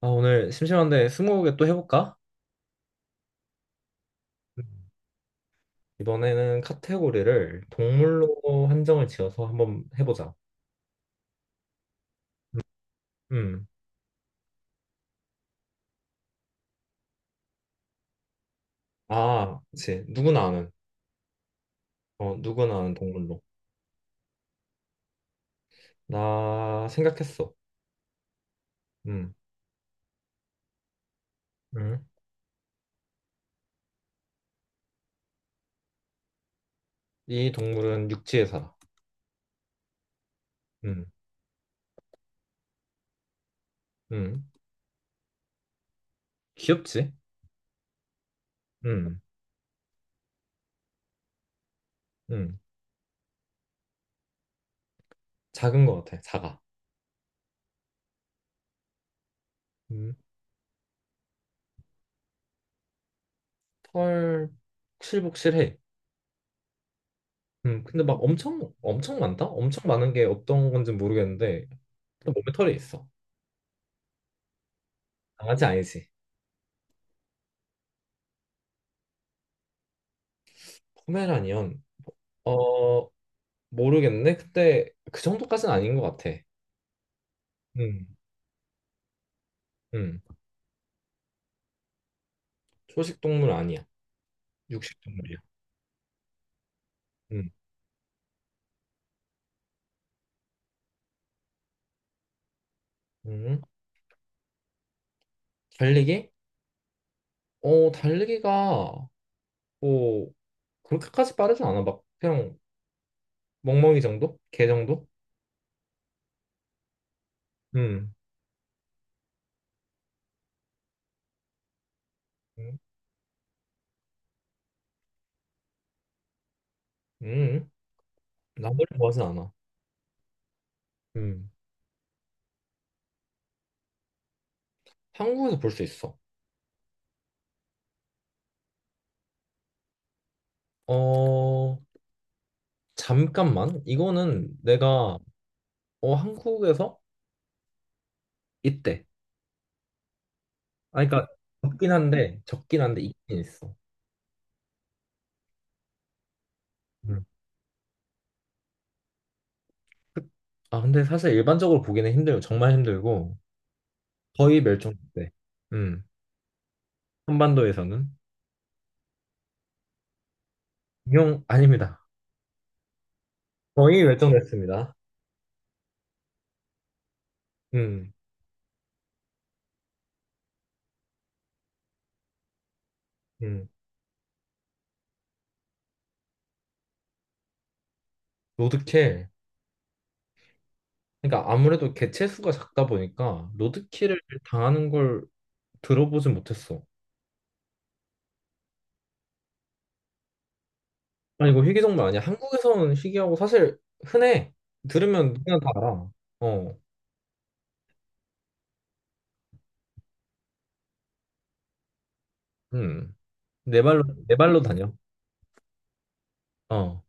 아, 오늘 심심한데 스무고개 또 해볼까? 음. 이번에는 카테고리를 동물로 한정을 지어서 한번 해보자. 음. 아, 그치. 누구나 아는. 어, 누구나 아는 동물로. 나 생각했어. 음. 음. 이 동물은 육지에 살아. 음. 음. 귀엽지? 음. 음. 작은 것 같아. 작아. 음. 털 복실복실해. 음. 근데 막 엄청 엄청 많다? 엄청 많은 게 어떤 건지 모르겠는데 몸에 털이 있어. 강아지 아니지? 포메라니언 어 모르겠네. 근데 그 정도까지는 아닌 것 같아. 음, 음. 초식 동물 아니야. 육식 동물이야. 음. 음. 달리기? 어 달리기가 뭐 그렇게까지 빠르진 않아. 막 그냥 멍멍이 정도? 개 정도? 음. 음. 음. 나무를 좋아하진 않아. 음. 한국에서 볼 수 있어. 어 잠깐만, 이거는 내가 어 한국에서 있대. 아 그러니까 적긴 한데 있긴 있어. 음. 그- 아, 근데 사실 일반적으로 보기는 힘들고, 정말 힘들고, 거의 멸종됐대. 음, 한반도에서는. 인용, 아닙니다. 거의 멸종됐습니다. 음, 음. 로드킬. 그러니까 아무래도 개체 수가 작다 보니까 로드킬을 당하는 걸 들어보진 못했어. 아니, 이거 희귀종말 아니야? 한국에서는 희귀하고 사실 흔해. 들으면 그냥 다 알아. 어, 음. 네 발로 다녀. 어,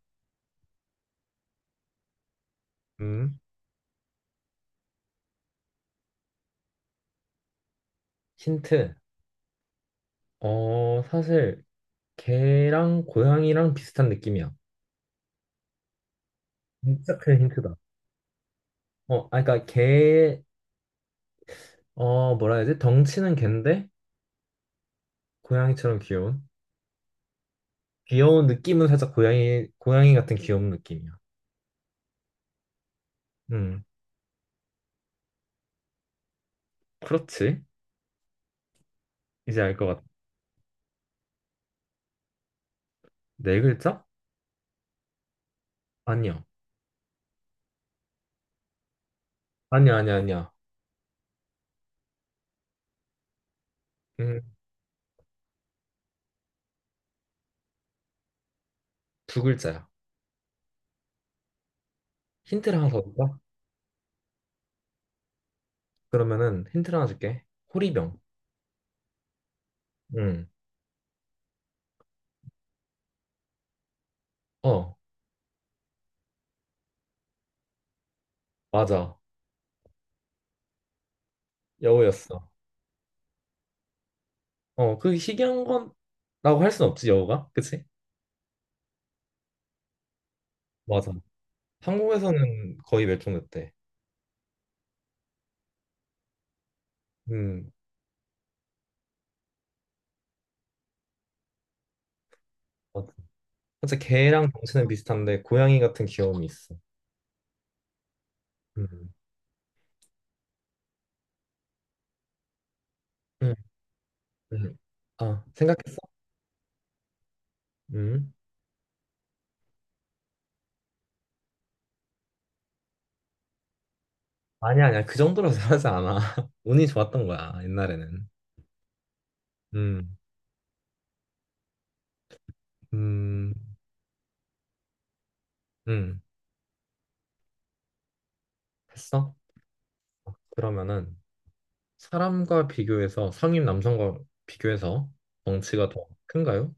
음. 힌트. 어, 사실 개랑 고양이랑 비슷한 느낌이야. 진짜 큰 힌트다. 어, 아, 그러니까 개, 어, 뭐라 해야 되지? 덩치는 갠데 고양이처럼 귀여운. 귀여운 느낌은 살짝 고양이 같은 귀여운 느낌이야. 음, 그렇지. 이제 알 것 같아. 네 글자? 아니야. 아니야, 아니야, 아니야. 음, 두 글자야. 힌트를 하나 더 줄까? 그러면은 힌트를 하나 줄게. 호리병. 음, 어, 맞아. 여우였어. 어, 그 희귀한 거라고 할 순 없지, 여우가. 그치? 맞아. 한국에서는 거의 멸종됐대. 음, 맞아. 진짜 개랑 덩치는 비슷한데 고양이 같은 귀여움이 있어. 음, 음, 음. 아, 생각했어? 음. 아니야, 아니야. 그 정도로 잘하지 않아. 운이 좋았던 거야, 옛날에는. 음, 음, 음. 했어? 그러면은 사람과 비교해서 성인 남성과 비교해서 덩치가 더 큰가요?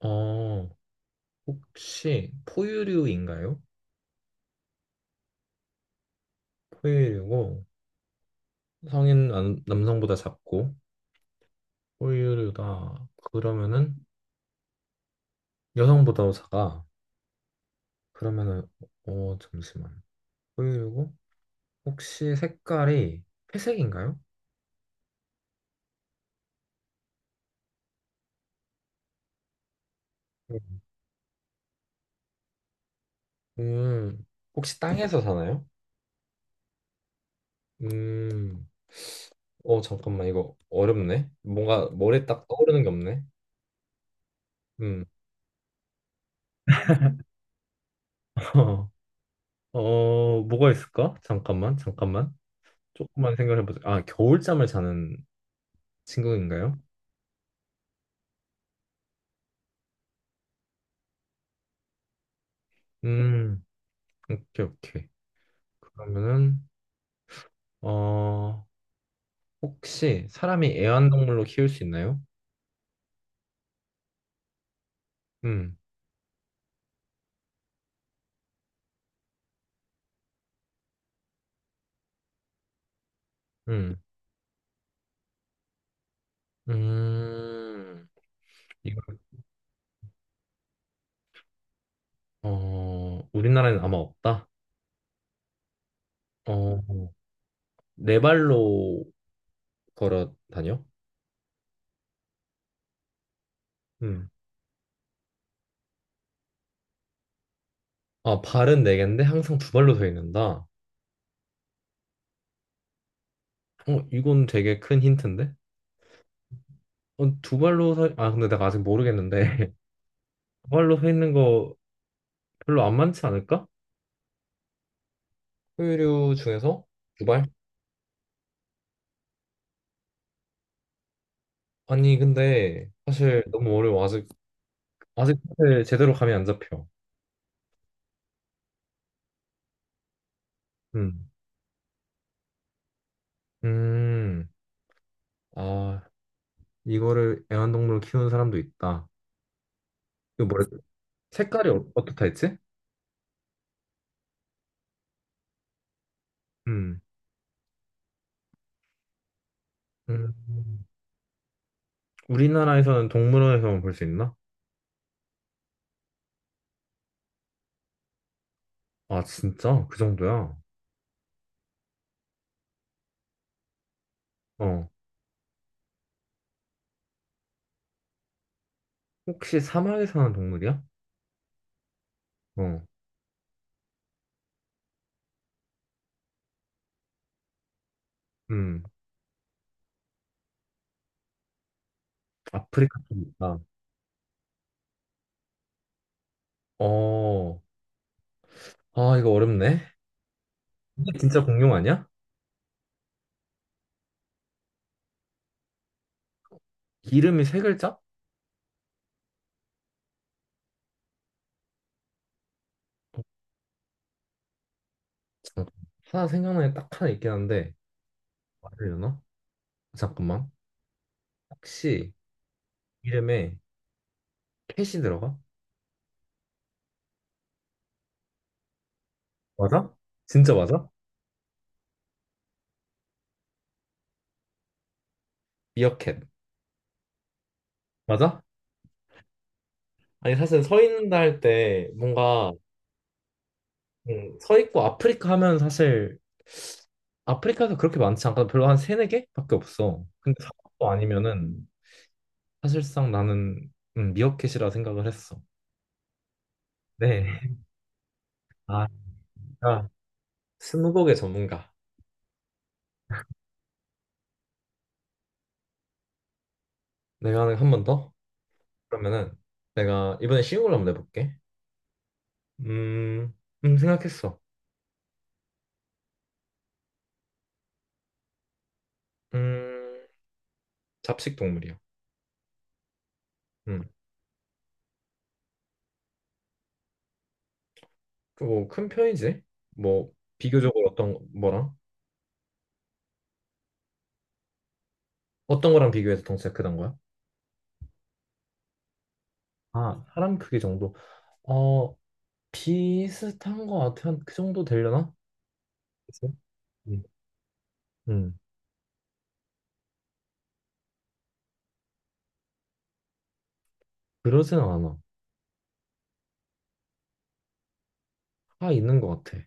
어, 혹시 포유류인가요? 포유류고 성인 남성보다 작고 호유류다. 그러면은 여성보다 작아. 그러면은 어 잠시만. 호유류고 혹시 색깔이 회색인가요? 음, 혹시 땅에서 사나요? 음. 어 잠깐만, 이거 어렵네. 뭔가 머리에 딱 떠오르는 게 없네. 음. 어 뭐가 있을까? 잠깐만. 조금만 생각해보자. 아 겨울잠을 자는 친구인가요? 음. 오케이 오케이. 그러면은 어. 혹시 사람이 애완동물로 키울 수 있나요? 음, 음, 음. 이거 어 우리나라에는 아마 없다. 어, 네 발로 걸어 다녀? 음. 아, 발은 네 개인데 항상 두 발로 서 있는다. 어, 이건 되게 큰 힌트인데? 어, 두 발로 서, 아, 근데 내가 아직 모르겠는데. 두 발로 서 있는 거 별로 안 많지 않을까? 포유류 중에서 두 발? 아니, 근데 사실 너무 어려워. 아직, 아직 사실 제대로 감이 안 잡혀. 음. 음, 아, 이거를 애완동물로 키우는 사람도 있다. 이거 색깔이 어, 어떻다 했지? 음, 음. 우리나라에서는 동물원에서만 볼 수 있나? 아, 진짜? 그 정도야? 어. 혹시 사막에 사는 동물이야? 어, 음, 아프리카 쪽에 있다. 어, 아, 이거 어렵네. 이게 진짜 공룡 아니야? 이름이 세 글자? 어, 잠깐. 하나 생각나는 게 딱 하나 있긴 한데, 말하려나? 잠깐만. 혹시 이름에 캣이 들어가? 맞아? 진짜 맞아? 미어캣 맞아? 아니 사실 서 있는다 할 때 뭔가 서 있고 아프리카 하면 사실 아프리카도 그렇게 많지 않거든. 별로 한 세네 개밖에 없어. 근데 사막도 아니면은 사실상 나는 미어캣이라 생각을 했어. 네. 아, 진짜 스무고개 전문가. 내가 한 번 더? 그러면은 내가 이번에 쉬운 걸로 한번 내볼게. 음, 생각했어. 음 잡식 동물이야. 뭐 큰 편이지. 뭐 비교적으로 어떤 뭐랑 어떤 거랑 비교해서 덩치가 크단 거야? 아, 사람 크기 정도. 어, 비슷한 거 같아. 한 그 정도 되려나? 글쎄. 음. 음. 그러진 않아. 다 있는 거 같아.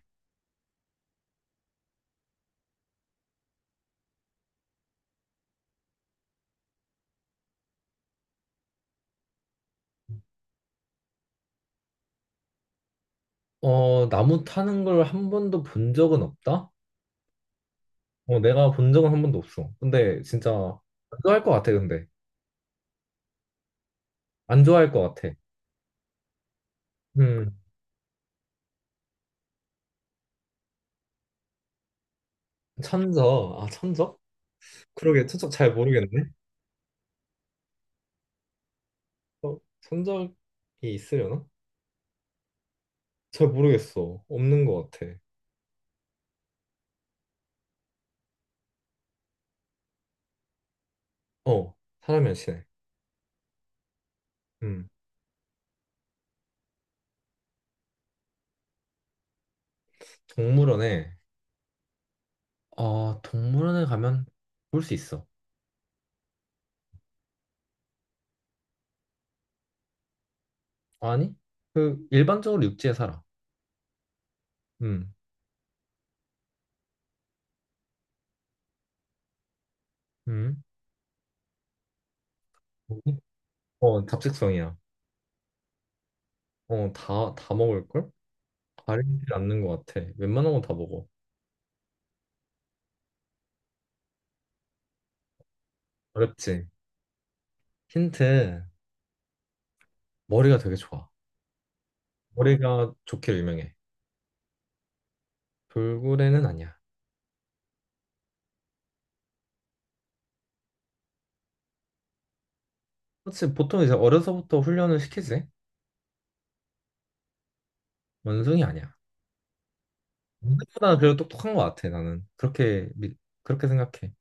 어, 나무 타는 걸 한 번도 본 적은 없다? 어, 내가 본 적은 한 번도 없어. 근데 진짜 안 좋아할 것 같아, 근데. 안 좋아할 것 같아. 음, 천적. 아, 천적? 그러게, 천적 잘 모르겠네. 어, 천적이 있으려나? 잘 모르겠어. 없는 것 같아. 어, 사람이 안 친해. 음, 동물원에, 어, 동물원에 가면 볼 수 있어. 아니? 그, 일반적으로 육지에 살아. 음, 음. 뭐지? 어, 잡식성이야. 어, 다 먹을걸? 가리지 않는 것 같아. 웬만한 건 다 먹어. 어렵지? 힌트, 머리가 되게 좋아. 머리가 좋기로 유명해. 돌고래는 아니야. 그렇지, 보통 이제 어려서부터 훈련을 시키지. 원숭이 아니야. 생각보다 그래도 똑똑한 것 같아, 나는. 그렇게 생각해.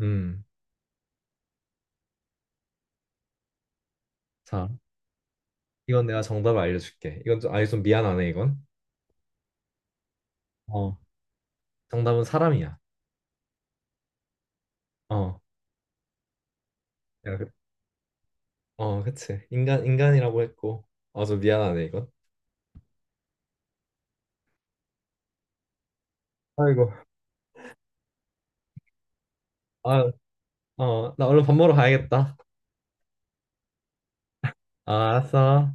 음. 자, 이건 내가 정답을 알려줄게. 이건 좀, 아니, 좀 미안하네, 이건. 어. 정답은 사람이야. 어. 야, 그- 어, 그치. 인간이라고 했고. 어, 좀 미안하네, 이건. 아이고. 아, 어, 나 얼른 밥 먹으러 가야겠다. 아, 알았어.